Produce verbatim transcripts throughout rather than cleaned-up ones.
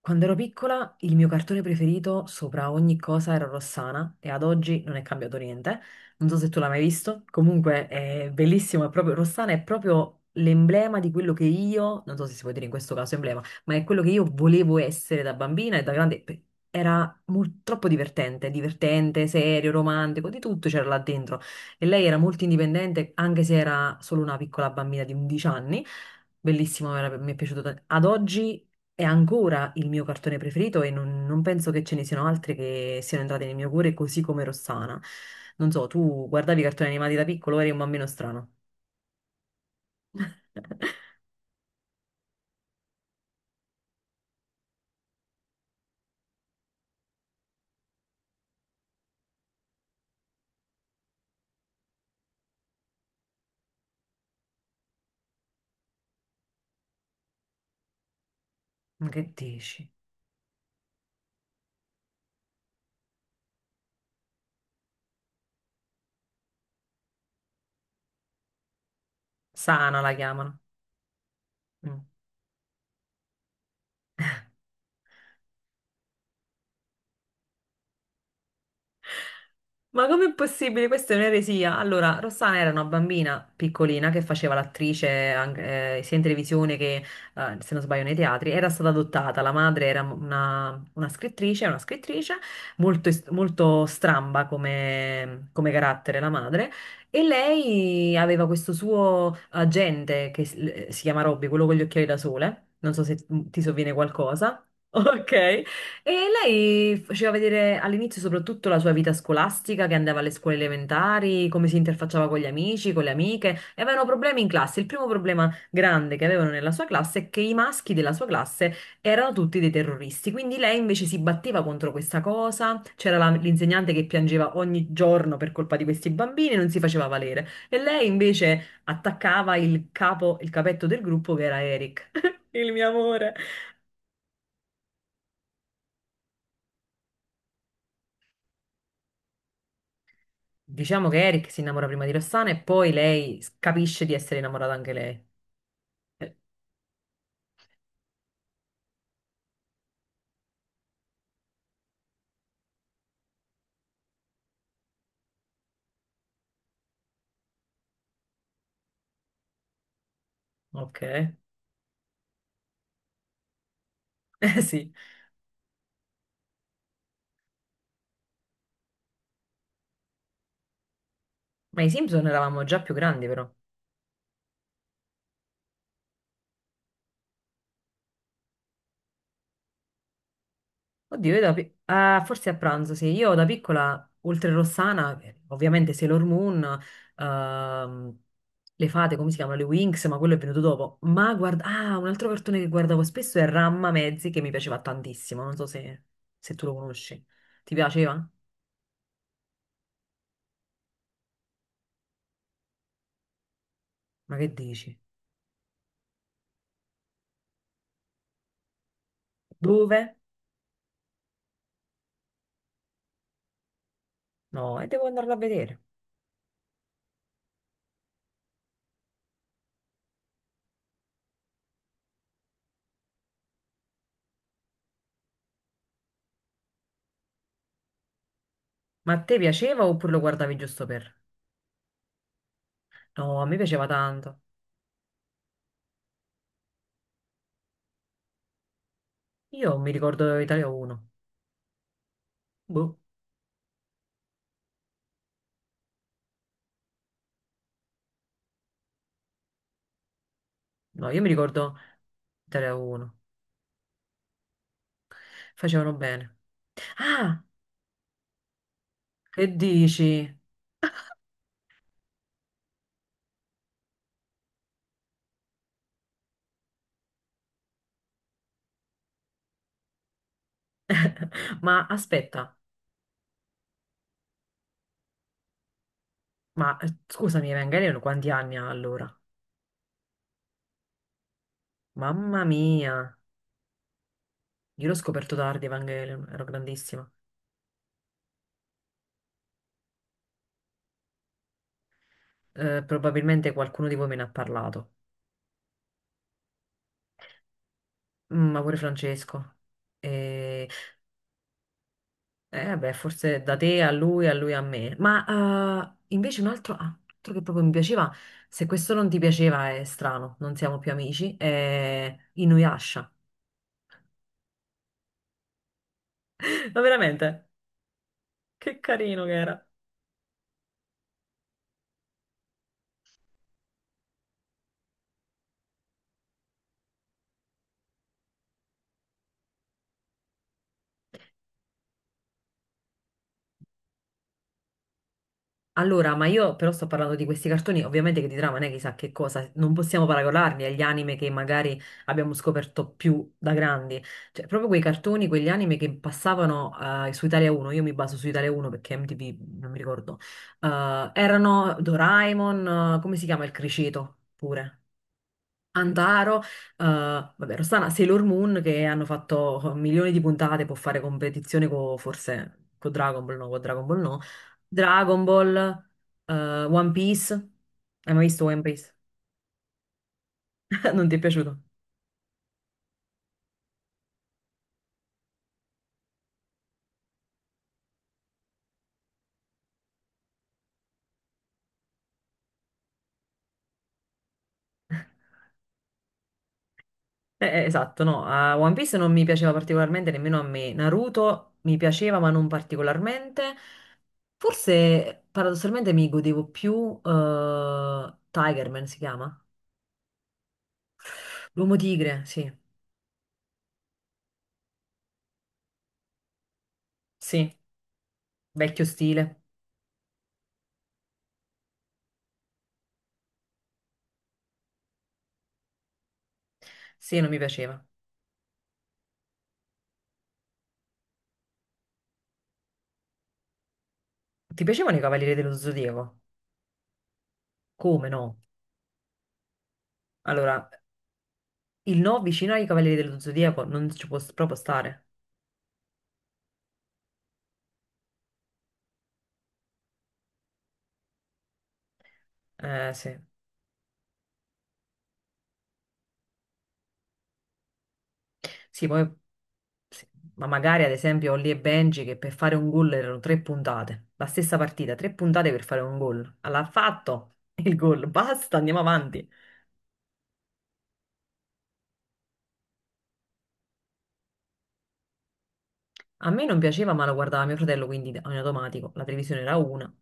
Quando ero piccola, il mio cartone preferito sopra ogni cosa era Rossana e ad oggi non è cambiato niente. Non so se tu l'hai mai visto, comunque è bellissimo, è proprio- Rossana è proprio l'emblema di quello che io, non so se si può dire in questo caso emblema, ma è quello che io volevo essere da bambina e da grande. Pe- Era mol- troppo divertente, divertente, serio, romantico, di tutto c'era là dentro. E lei era molto indipendente, anche se era solo una piccola bambina di undici anni. Bellissimo, era- mi è piaciuto tanto. Ad oggi è ancora il mio cartone preferito e non, non penso che ce ne siano altri che siano entrati nel mio cuore, così come Rossana. Non so, tu guardavi i cartoni animati da piccolo, eri un bambino strano. Ma che dici? Sana la chiamano. Mm. Ma com'è possibile? Questa è un'eresia. Allora, Rossana era una bambina piccolina che faceva l'attrice anche, eh, sia in televisione che, eh, se non sbaglio, nei teatri. Era stata adottata. La madre era una, una scrittrice, una scrittrice molto, est- molto stramba come, come carattere, la madre. E lei aveva questo suo agente che si si chiama Robby, quello con gli occhiali da sole. Non so se mm, ti sovviene qualcosa. Ok. E lei faceva vedere all'inizio soprattutto la sua vita scolastica, che andava alle scuole elementari, come si interfacciava con gli amici, con le amiche, e avevano problemi in classe. Il primo problema grande che avevano nella sua classe è che i maschi della sua classe erano tutti dei terroristi, quindi lei invece si batteva contro questa cosa, c'era la- l'insegnante che piangeva ogni giorno per colpa di questi bambini e non si faceva valere, e lei invece attaccava il capo, il capetto del gruppo che era Eric, il mio amore. Diciamo che Eric si innamora prima di Rossana e poi lei s- capisce di essere innamorata anche lei. Eh, ok, eh sì. Ma i Simpson eravamo già più grandi però. Oddio, io da pi- ah, forse a pranzo, sì. Io da piccola, oltre Rossana, eh, ovviamente Sailor Moon, ehm, le fate, come si chiamano? Le Winx, ma quello è venuto dopo. Ma guarda, ah, un altro cartone che guardavo spesso è Ramma Mezzi, che mi piaceva tantissimo. Non so se, se tu lo conosci. Ti piaceva? Ma che dici? Dove? No, e devo andarlo a vedere. Ma a te piaceva oppure lo guardavi giusto per? No, a me piaceva tanto. Io mi ricordo Italia uno. Boh, no, io mi ricordo Italia uno. Facevano bene. Ah, che dici? Ma aspetta, ma eh, scusami, Evangelion quanti anni ha allora? Mamma mia, io l'ho scoperto tardi Evangelion, ero grandissima. Eh, probabilmente qualcuno di voi me ne ha parlato. Mm, ma pure Francesco. E eh beh, forse da te a lui, a lui a me. Ma eh, invece un altro, ah, un altro che proprio mi piaceva, se questo non ti piaceva è strano, non siamo più amici, è Inuyasha. Ma veramente, che carino che era. Allora, ma io però sto parlando di questi cartoni, ovviamente che di trama non è chissà che cosa, non possiamo paragonarli agli anime che magari abbiamo scoperto più da grandi, cioè proprio quei cartoni, quegli anime che passavano eh, su Italia uno, io mi baso su Italia uno perché M T V non mi ricordo, eh, erano Doraemon, eh, come si chiama il criceto pure? Antaro, eh, vabbè, Rossana, Sailor Moon che hanno fatto milioni di puntate, può fare competizione con forse con Dragon Ball, no, con Dragon Ball no. Dragon Ball, eh, One Piece. Hai mai visto One Piece? Non ti è piaciuto? Eh, eh, esatto, no, a One Piece non mi piaceva particolarmente nemmeno a me. Naruto mi piaceva, ma non particolarmente. Forse paradossalmente mi godevo più eh, Tigerman si chiama? L'uomo tigre, sì, sì, vecchio stile. Sì, non mi piaceva. Ti piacevano i Cavalieri dello Zodiaco? Come no? Allora, il no vicino ai Cavalieri dello Zodiaco non ci può s- proprio stare. Eh, sì. Sì, poi... sì. Ma magari, ad esempio, Holly e Benji che per fare un gol erano tre puntate. La stessa partita, tre puntate per fare un gol. Allora, ha fatto il gol, basta, andiamo avanti. A me non piaceva, ma lo guardava mio fratello, quindi in automatico. La televisione era una.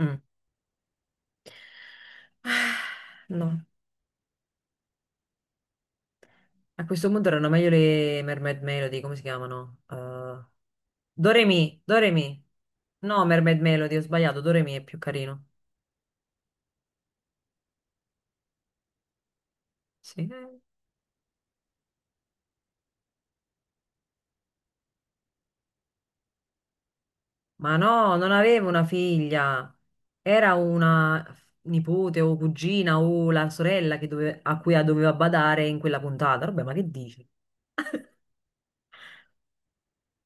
Mm. Ah, no. A questo punto erano meglio le Mermaid Melody, come si chiamano? Eh, Doremi, Doremi. No, Mermaid Melody, ho sbagliato, Doremi è più carino. Sì. Ma no, non avevo una figlia. Era una nipote o cugina o la sorella che dove- a cui doveva badare in quella puntata. Vabbè, ma che dici?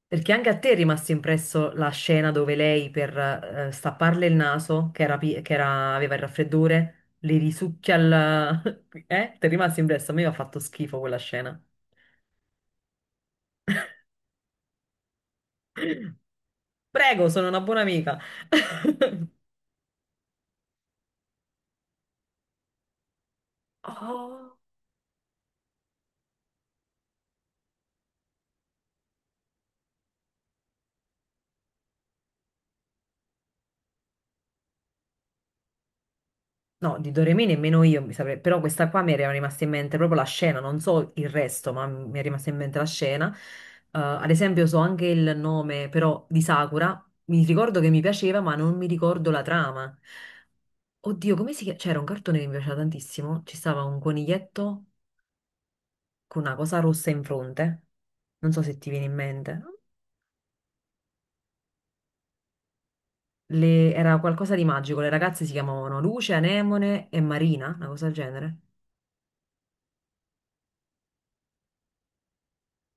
Perché anche a te è rimasta impresso la scena dove lei per eh, stapparle il naso, che era, pi- che era- aveva il raffreddore, le risucchia il... Eh? Ti è rimasto impresso? A me mi ha fatto schifo quella scena. Prego, sono una buona amica. Oh. No, di Doremi nemmeno io mi saprei, però questa qua mi era rimasta in mente proprio la scena, non so il resto, ma mi è rimasta in mente la scena. Eh, ad esempio so anche il nome però di Sakura, mi ricordo che mi piaceva, ma non mi ricordo la trama. Oddio, come si chiama? C'era un cartone che mi piaceva tantissimo. Ci stava un coniglietto con una cosa rossa in fronte. Non so se ti viene in mente. Le- Era qualcosa di magico. Le ragazze si chiamavano Luce, Anemone e Marina, una cosa del genere.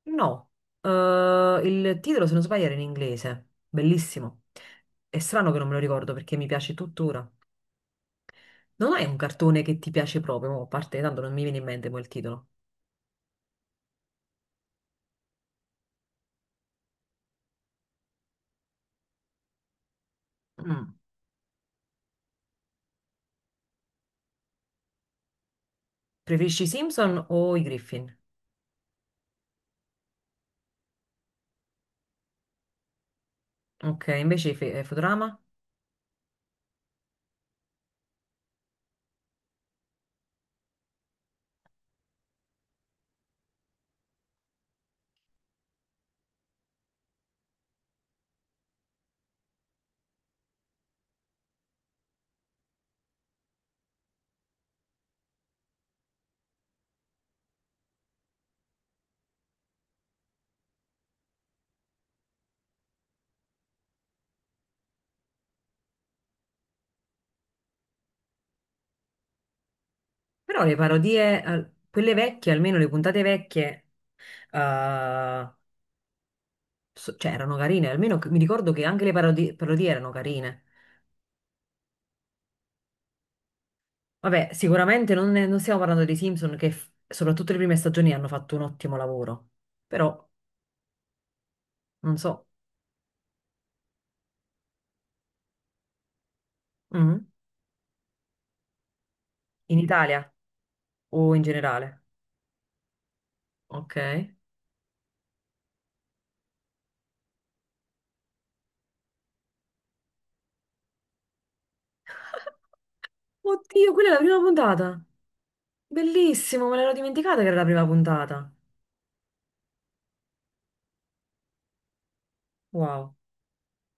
No, Eh, il titolo, se non sbaglio, era in inglese. Bellissimo. È strano che non me lo ricordo perché mi piace tuttora. Non hai un cartone che ti piace proprio, mo, a parte tanto non mi viene in mente poi il titolo. Mm. Preferisci i Simpson o i Griffin? Ok, invece i Fe- eh, Futurama? Però le parodie, al- quelle vecchie, almeno le puntate vecchie, eh, so- cioè erano carine, almeno che- mi ricordo che anche le parodi- parodie erano carine. Vabbè, sicuramente non, ne- non stiamo parlando dei Simpson che f- soprattutto le prime stagioni hanno fatto un ottimo lavoro, però non so, mm, in Italia o in generale. Ok. Oddio, quella è la prima puntata. Bellissimo, me l'ero dimenticata che era la prima puntata. Wow.